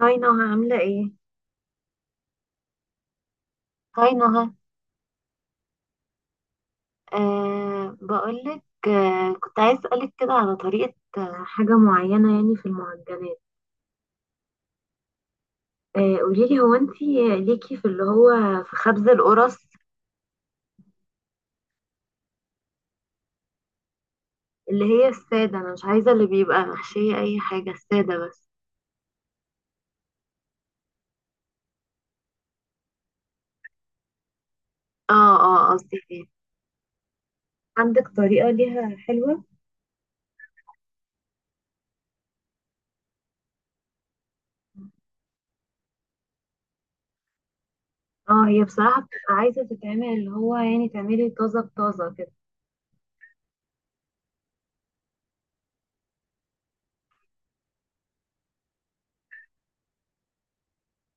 هاي نهى، عاملة ايه؟ هاي نهى. أه، بقولك، أه، كنت عايز أسألك كده على طريقة، حاجة معينة يعني في المعجنات. أه قوليلي، هو انتي ليكي في اللي هو في خبز القرص؟ اللي هي السادة، أنا مش عايزة اللي بيبقى محشية أي حاجة، السادة بس. اه، اه، قصدي ايه؟ عندك طريقة ليها حلوة؟ اه، هي بصراحة بتبقى عايزة تتعمل اللي هو يعني تعملي طازة بطازة كده.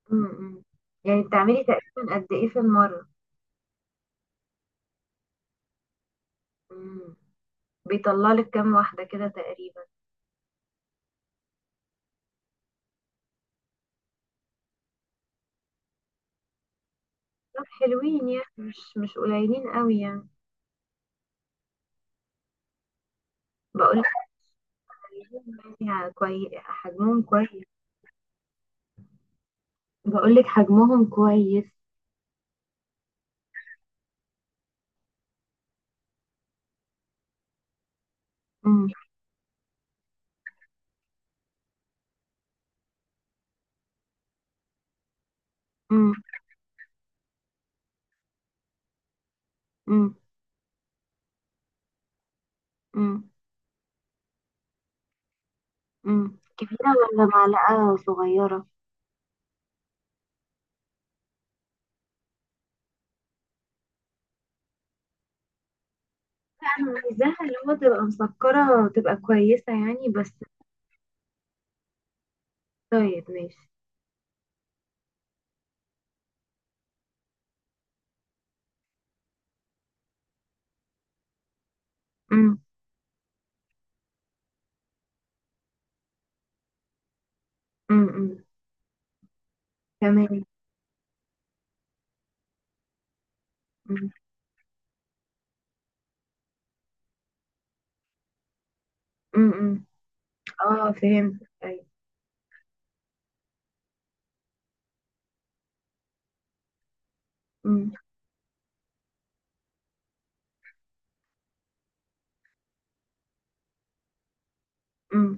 م. يعني بتعملي تقريبا قد ايه في المرة؟ مم. بيطلع لك كام واحدة كده تقريبا؟ طب حلوين يعني، مش قليلين قوي يعني. بقول لك حجمهم يعني كويس، حجمهم كويس. بقول لك حجمهم كويس. امم. امم. امم. امم. أمم. كبيرة ولا معلقة صغيرة؟ انا عايزاها اللي هو تبقى مسكرة، تبقى كويسة يعني بس. طيب ماشي. امم. امم. أمم. تمام. امم. امم. أمم. اه فهمت، ايوه. امم. امم.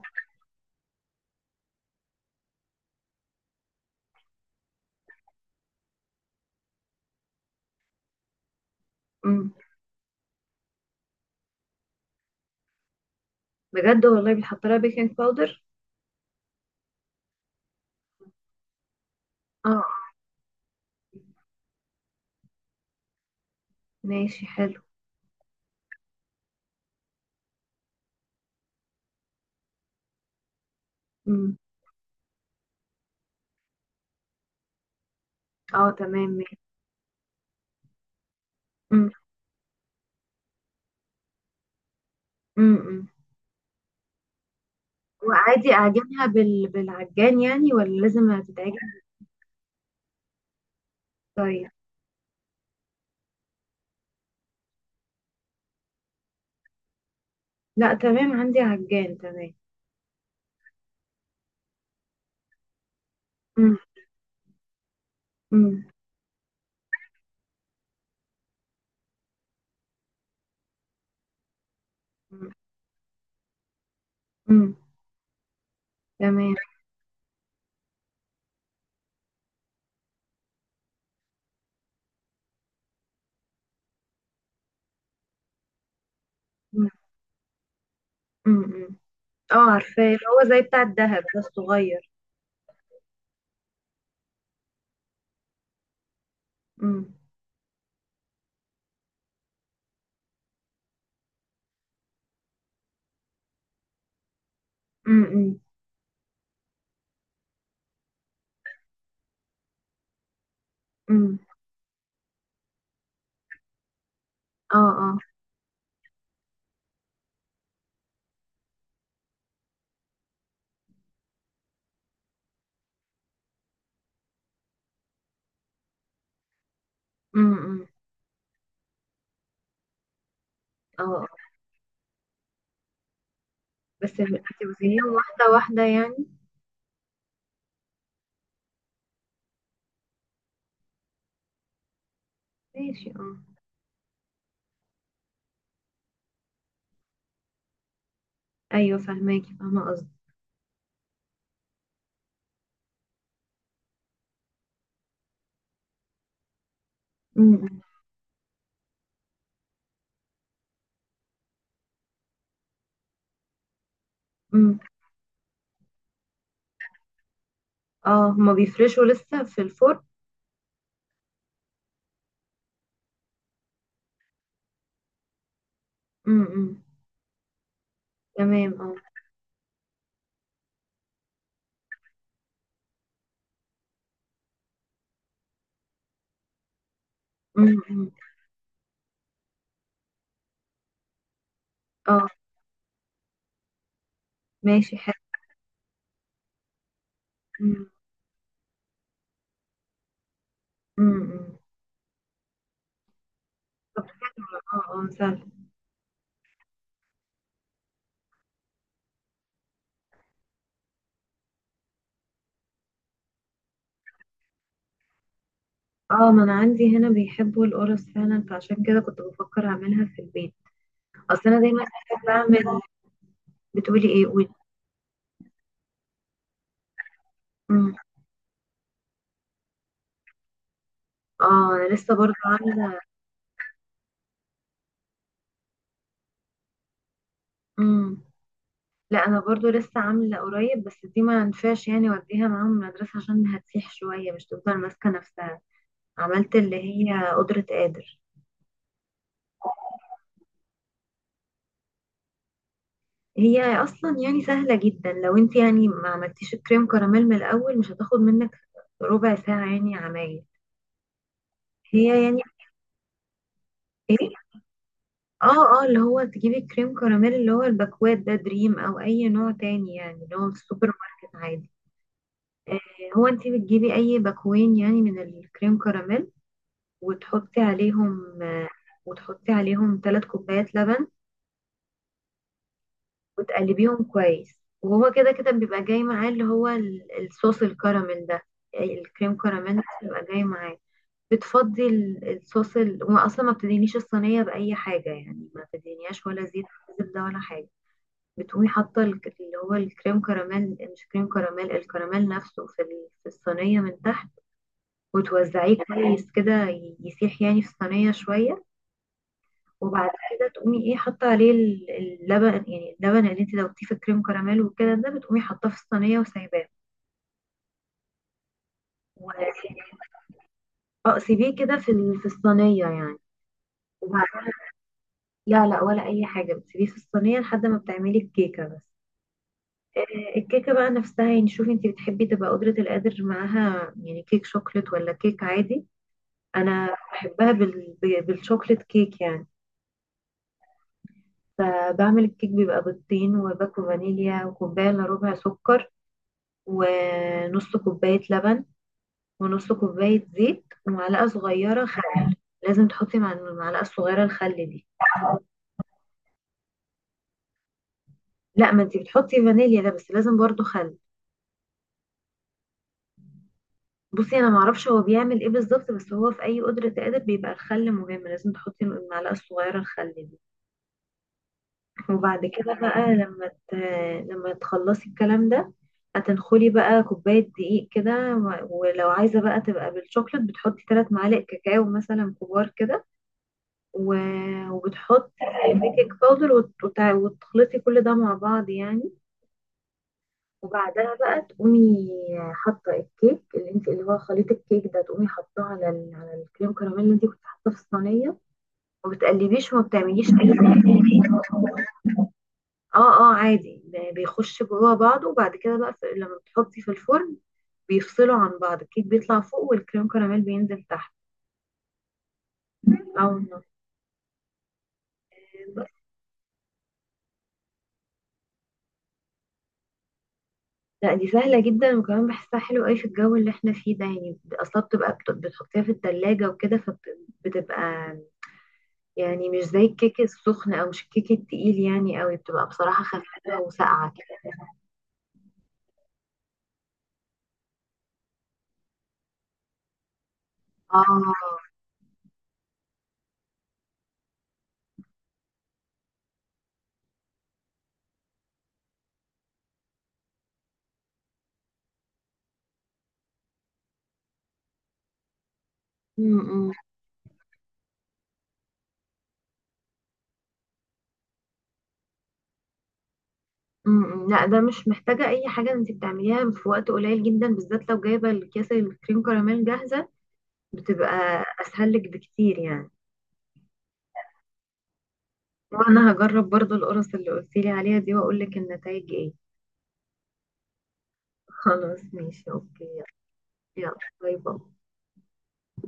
أمم. بجد والله بيحط لها بيكنج باودر؟ اه ماشي حلو. امم. اه تمام ماشي. امم. امم. امم. وعادي اعجنها بالعجان يعني، ولا لازم هتتعجن؟ طيب. لا تمام، عندي عجان، تمام. امم. امم. امم. تمام. امم. امم. امم. اه عارفاه، اللي هو زي بتاع الدهب ده الصغير. امم. امم. امم. امم. اه، اه، امم، اه، آه. بس هتوزنيهم واحدة واحدة يعني؟ ماشي اه. ايوه فهماكي، فاهمة قصدي. امم. امم. امم. اه هما بيفرشوا لسه في الفرن؟ امم. امم. تمام اه. امم. امم. اه ماشي حلو. امم. امم. امم. طب. اه اه سهل. اه، ما انا عندي هنا بيحبوا القرص فعلا، فعشان كده كنت بفكر اعملها في البيت. اصل انا دايما بحب اعمل. بتقولي ايه؟ قولي. امم. اه انا لسه برضو عامله. امم. لا انا برضو لسه عامله قريب، بس دي ما ينفعش يعني اوديها معاهم المدرسه عشان هتسيح شويه، مش تفضل ماسكه نفسها. عملت اللي هي قدرة قادر. هي اصلا يعني سهله جدا، لو انت يعني ما عملتيش الكريم كراميل من الاول، مش هتاخد منك ربع ساعه يعني عمايل. هي يعني ايه؟ اه، اه، اللي هو تجيبي الكريم كراميل اللي هو الباكوات ده، دريم او اي نوع تاني يعني اللي هو في السوبر ماركت عادي. آه. هو انت بتجيبي اي باكوين يعني من الكريم كراميل. وتحطي عليهم، وتحطي عليهم 3 كوبايات لبن. وتقلبيهم كويس. وهو كده كده بيبقى جاي معاه اللي هو الصوص الكراميل ده. أي الكريم كراميل ده بيبقى جاي معاه. بتفضي الصوص، وما اصلا ما بتدينيش الصينيه باي حاجه يعني، ما بتدينيهاش ولا زيت ولا زبده ولا حاجه. بتقومي حاطه اللي هو الكريم كراميل، مش كريم كراميل، الكراميل نفسه في في الصينيه من تحت. وتوزعيه كويس كده، يسيح يعني في الصينيه شويه. وبعد كده تقومي ايه حاطه عليه اللبن يعني، اللبن اللي انت دوبتيه في الكريم كراميل وكده ده، بتقومي حاطاه في الصينيه وسايباه. و- اه سيبيه كده في في الصينيه يعني. وبعد. لا لا، ولا اي حاجه، بتسيبيه في الصينيه لحد ما بتعملي الكيكه بس. الكيكه بقى نفسها يعني شوفي انت بتحبي تبقى قدره القادر معاها يعني كيك شوكليت ولا كيك عادي؟ انا بحبها بالشوكليت كيك يعني. بعمل الكيك بيبقى بيضتين وباكو فانيليا وكوبايه الا ربع سكر. ونص كوباية لبن ونص كوباية زيت ومعلقة صغيرة خل. لازم تحطي مع المعلقة الصغيرة الخل دي. لا، ما انتي بتحطي فانيليا ده، بس لازم برضو خل. بصي انا معرفش هو بيعمل ايه بالظبط، بس هو في اي قدرة قادر بيبقى الخل مهم، لازم تحطي المعلقة الصغيرة الخل دي. وبعد كده بقى، لما تخلصي الكلام ده، هتنخلي بقى كوباية دقيق كده، و- ولو عايزة بقى تبقى بالشوكلت بتحطي 3 معالق كاكاو مثلا كبار كده. و- وبتحطي البيكنج باودر وت- وت- وتخلطي كل ده مع بعض يعني. وبعدها بقى تقومي حاطه الكيك اللي انت اللي هو خليط الكيك ده، تقومي حاطاه على على الكريم كراميل اللي انت كنت حاطاه في الصينيه. وما بتقلبيش وما بتعمليش اي. اه، اه، عادي، بيخش جوه بعضه. وبعد كده بقى لما بتحطي في الفرن، بيفصلوا عن بعض، الكيك بيطلع فوق والكريم كراميل بينزل تحت. اه والله. لا دي سهلة جدا، وكمان بحسها حلو قوي في الجو اللي احنا فيه ده، يعني اصلا بتبقى بتحطيها في التلاجة وكده فبتبقى يعني مش زي الكيك السخن، او مش الكيك التقيل يعني قوي، بتبقى بصراحة خفيفة وساقعة كده. اه، م- م- م- م. لا ده مش محتاجة اي حاجة، انت بتعمليها في وقت قليل جدا بالذات لو جايبة الكيس الكريم كراميل جاهزة، بتبقى اسهل لك بكتير يعني. وانا هجرب برضو القرص اللي قلتيلي عليها دي واقول لك النتائج ايه خلاص ماشي اوكي. يلا. باي باي.